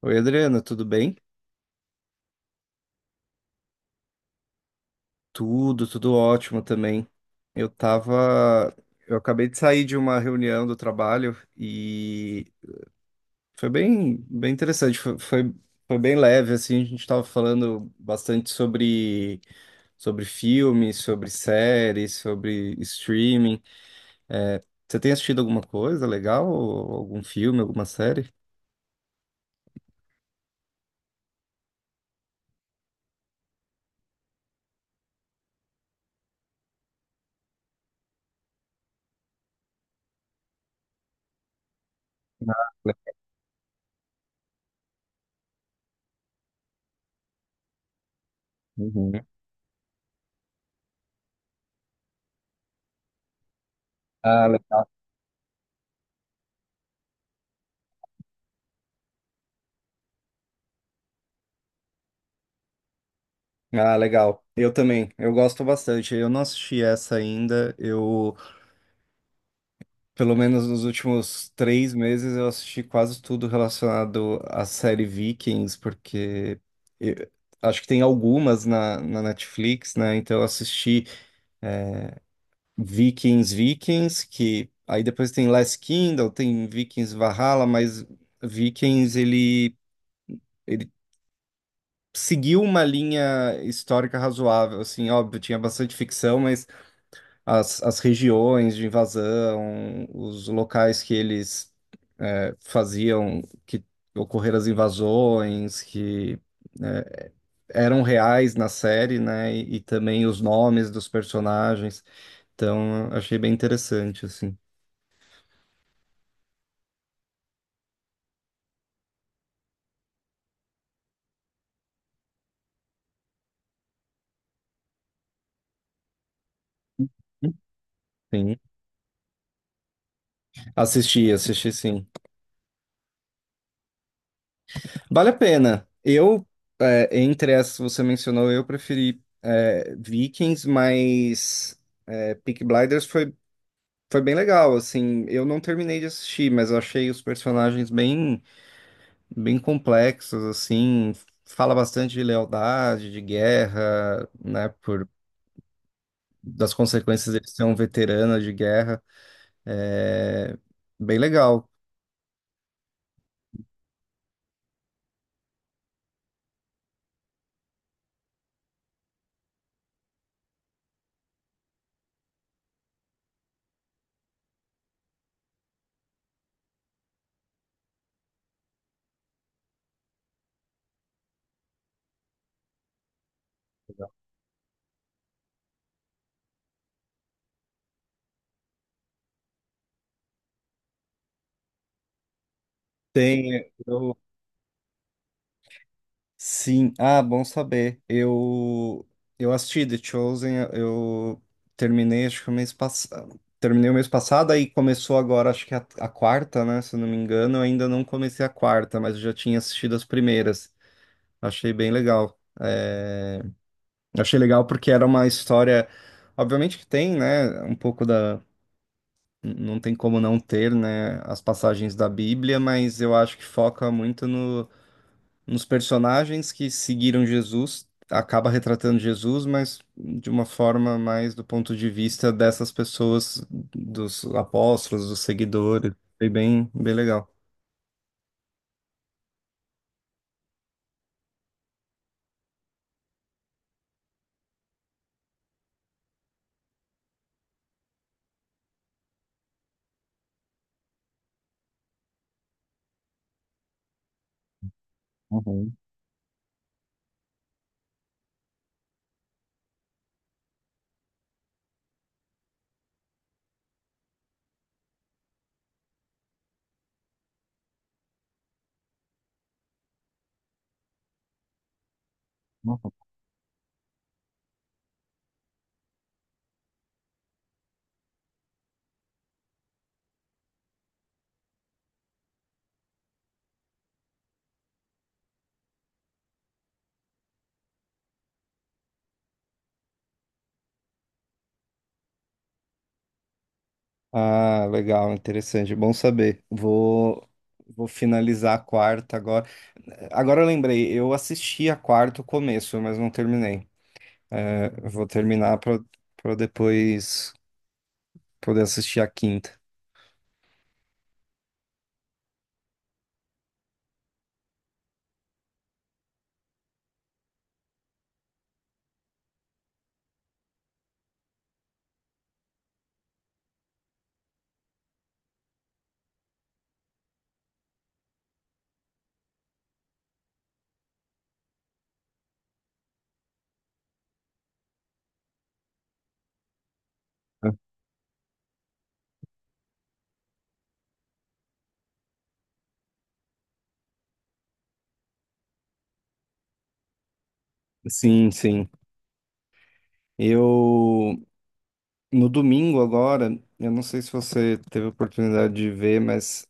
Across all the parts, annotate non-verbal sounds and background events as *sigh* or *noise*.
Oi, Adriana, tudo bem? Tudo, ótimo também. Eu tava, eu acabei de sair de uma reunião do trabalho e foi bem interessante, foi bem leve assim, a gente tava falando bastante sobre filmes, sobre séries, sobre streaming. É, você tem assistido alguma coisa legal? Ou algum filme, alguma série? Uhum. Ah, legal. Ah, legal. Eu também. Eu gosto bastante. Eu não assisti essa ainda. Eu Pelo menos nos últimos 3 meses eu assisti quase tudo relacionado à série Vikings, porque eu- acho que tem algumas na Netflix, né? Então eu assisti Vikings, que aí depois tem Last Kingdom, tem Vikings Valhalla, mas Vikings ele seguiu uma linha histórica razoável, assim, óbvio, tinha bastante ficção, mas as regiões de invasão, os locais que eles faziam que ocorreram as invasões, que eh, eram reais na série, né? E também os nomes dos personagens. Então, eu achei bem interessante, assim. Sim, assisti sim. Vale a pena. É, entre essas que você mencionou, eu preferi é, Vikings, mas é, Peaky Blinders foi bem legal, assim, eu não terminei de assistir, mas eu achei os personagens bem complexos, assim, fala bastante de lealdade, de guerra, né, por, das consequências de ser um veterano de guerra, é bem legal. Tem, eu, Sim, ah, bom saber. Eu assisti The Chosen, eu terminei acho que o mês passado. Terminei o mês passado aí começou agora acho que a quarta, né, se eu não me engano, eu ainda não comecei a quarta, mas eu já tinha assistido as primeiras. Achei bem legal. É, achei legal porque era uma história, obviamente que tem, né, um pouco da não tem como não ter, né, as passagens da Bíblia, mas eu acho que foca muito no nos personagens que seguiram Jesus, acaba retratando Jesus, mas de uma forma mais do ponto de vista dessas pessoas, dos apóstolos, dos seguidores. Foi bem legal. Uhum, uhum. Ah, legal, interessante, bom saber. Vou finalizar a quarta agora. Agora eu lembrei, eu assisti a quarta o começo, mas não terminei. Eu Vou terminar para depois poder assistir a quinta. Sim, sim. Eu No domingo agora, eu não sei se você teve a oportunidade de ver, mas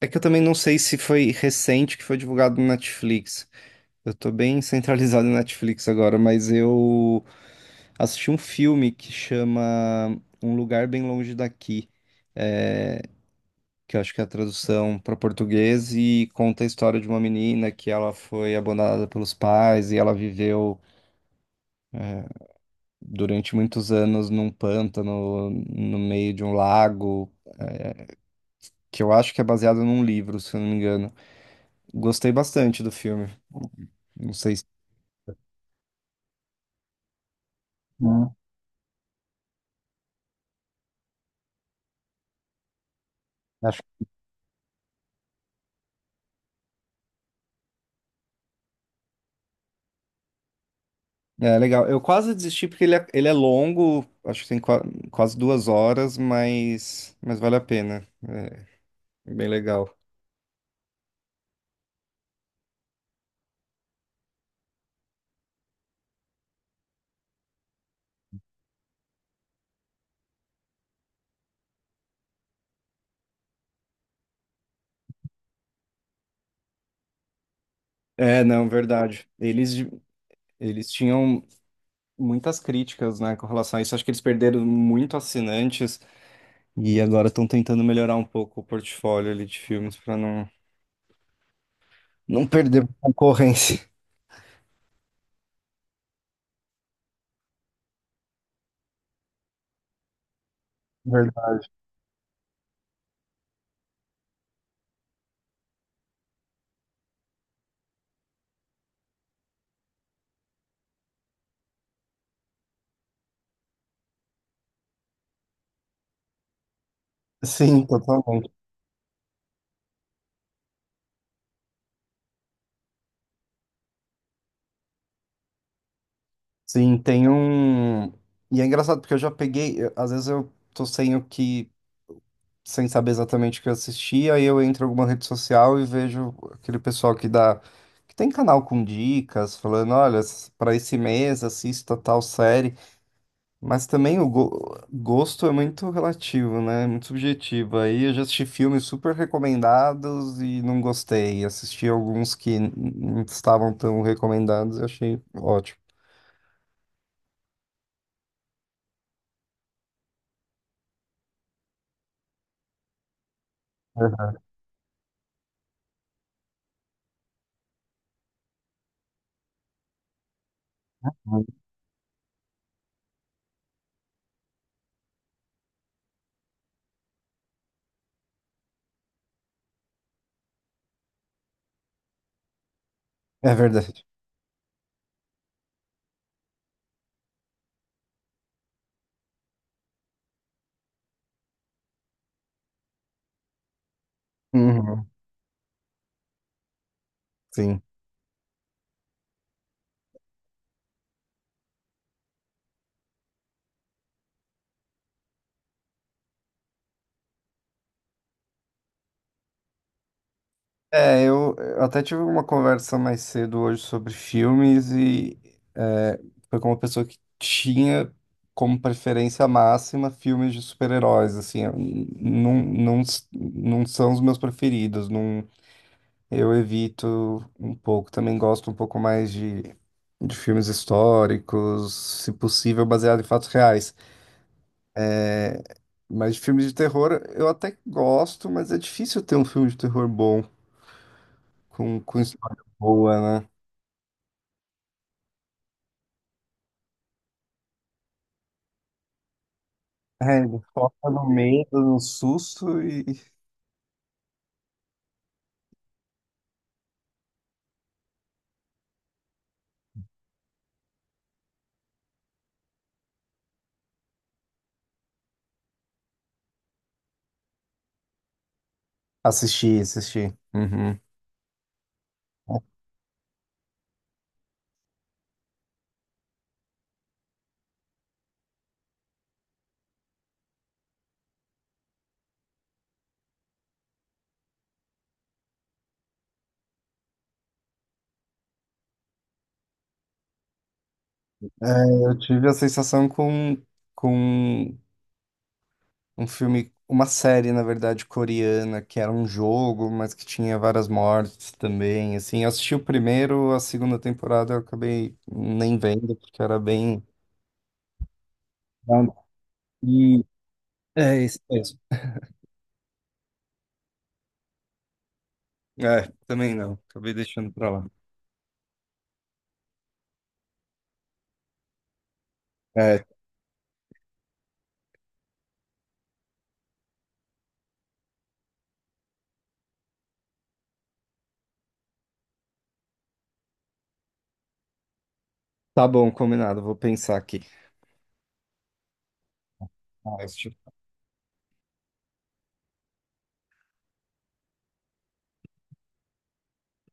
é que eu também não sei se foi recente que foi divulgado no Netflix. Eu tô bem *laughs* centralizado no Netflix agora, mas eu assisti um filme que chama Um Lugar Bem Longe Daqui, é, que eu acho que é a tradução para português e conta a história de uma menina que ela foi abandonada pelos pais e ela viveu durante muitos anos num pântano no meio de um lago. Que eu acho que é baseado num livro, se eu não me engano. Gostei bastante do filme. Não sei se. Hum, acho que é legal. Eu quase desisti porque ele é longo, acho que tem quase 2 horas, mas vale a pena. É é bem legal. É, não, verdade. Eles tinham muitas críticas, né, com relação a isso. Acho que eles perderam muito assinantes e agora estão tentando melhorar um pouco o portfólio ali de filmes para não perder concorrência. Verdade. Sim, totalmente. Sim, tem um. E é engraçado porque eu já peguei. Às vezes eu tô sem o que. Sem saber exatamente o que eu assisti, aí eu entro em alguma rede social e vejo aquele pessoal que dá. Que tem canal com dicas, falando: olha, para esse mês assista tal série. Mas também o gosto é muito relativo, né? É muito subjetivo. Aí eu já assisti filmes super recomendados e não gostei. Assisti alguns que não estavam tão recomendados e achei ótimo. Uhum. É verdade. Uhum, sim. É, eu até tive uma conversa mais cedo hoje sobre filmes e é, foi com uma pessoa que tinha como preferência máxima filmes de super-heróis, assim, eu não são os meus preferidos, não, eu evito um pouco, também gosto um pouco mais de filmes históricos, se possível baseado em fatos reais, mas de filmes de terror eu até gosto, mas é difícil ter um filme de terror bom. Com história boa, né? É, ele foca no medo, no susto e assisti. Uhum. É, eu tive a sensação com um filme, uma série, na verdade, coreana, que era um jogo, mas que tinha várias mortes também. Assim, eu assisti o primeiro, a segunda temporada eu acabei nem vendo, porque era bem. Não, e é isso mesmo. É, também não. Acabei deixando pra lá. É, tá bom, combinado. Vou pensar aqui. Ah, eu assisti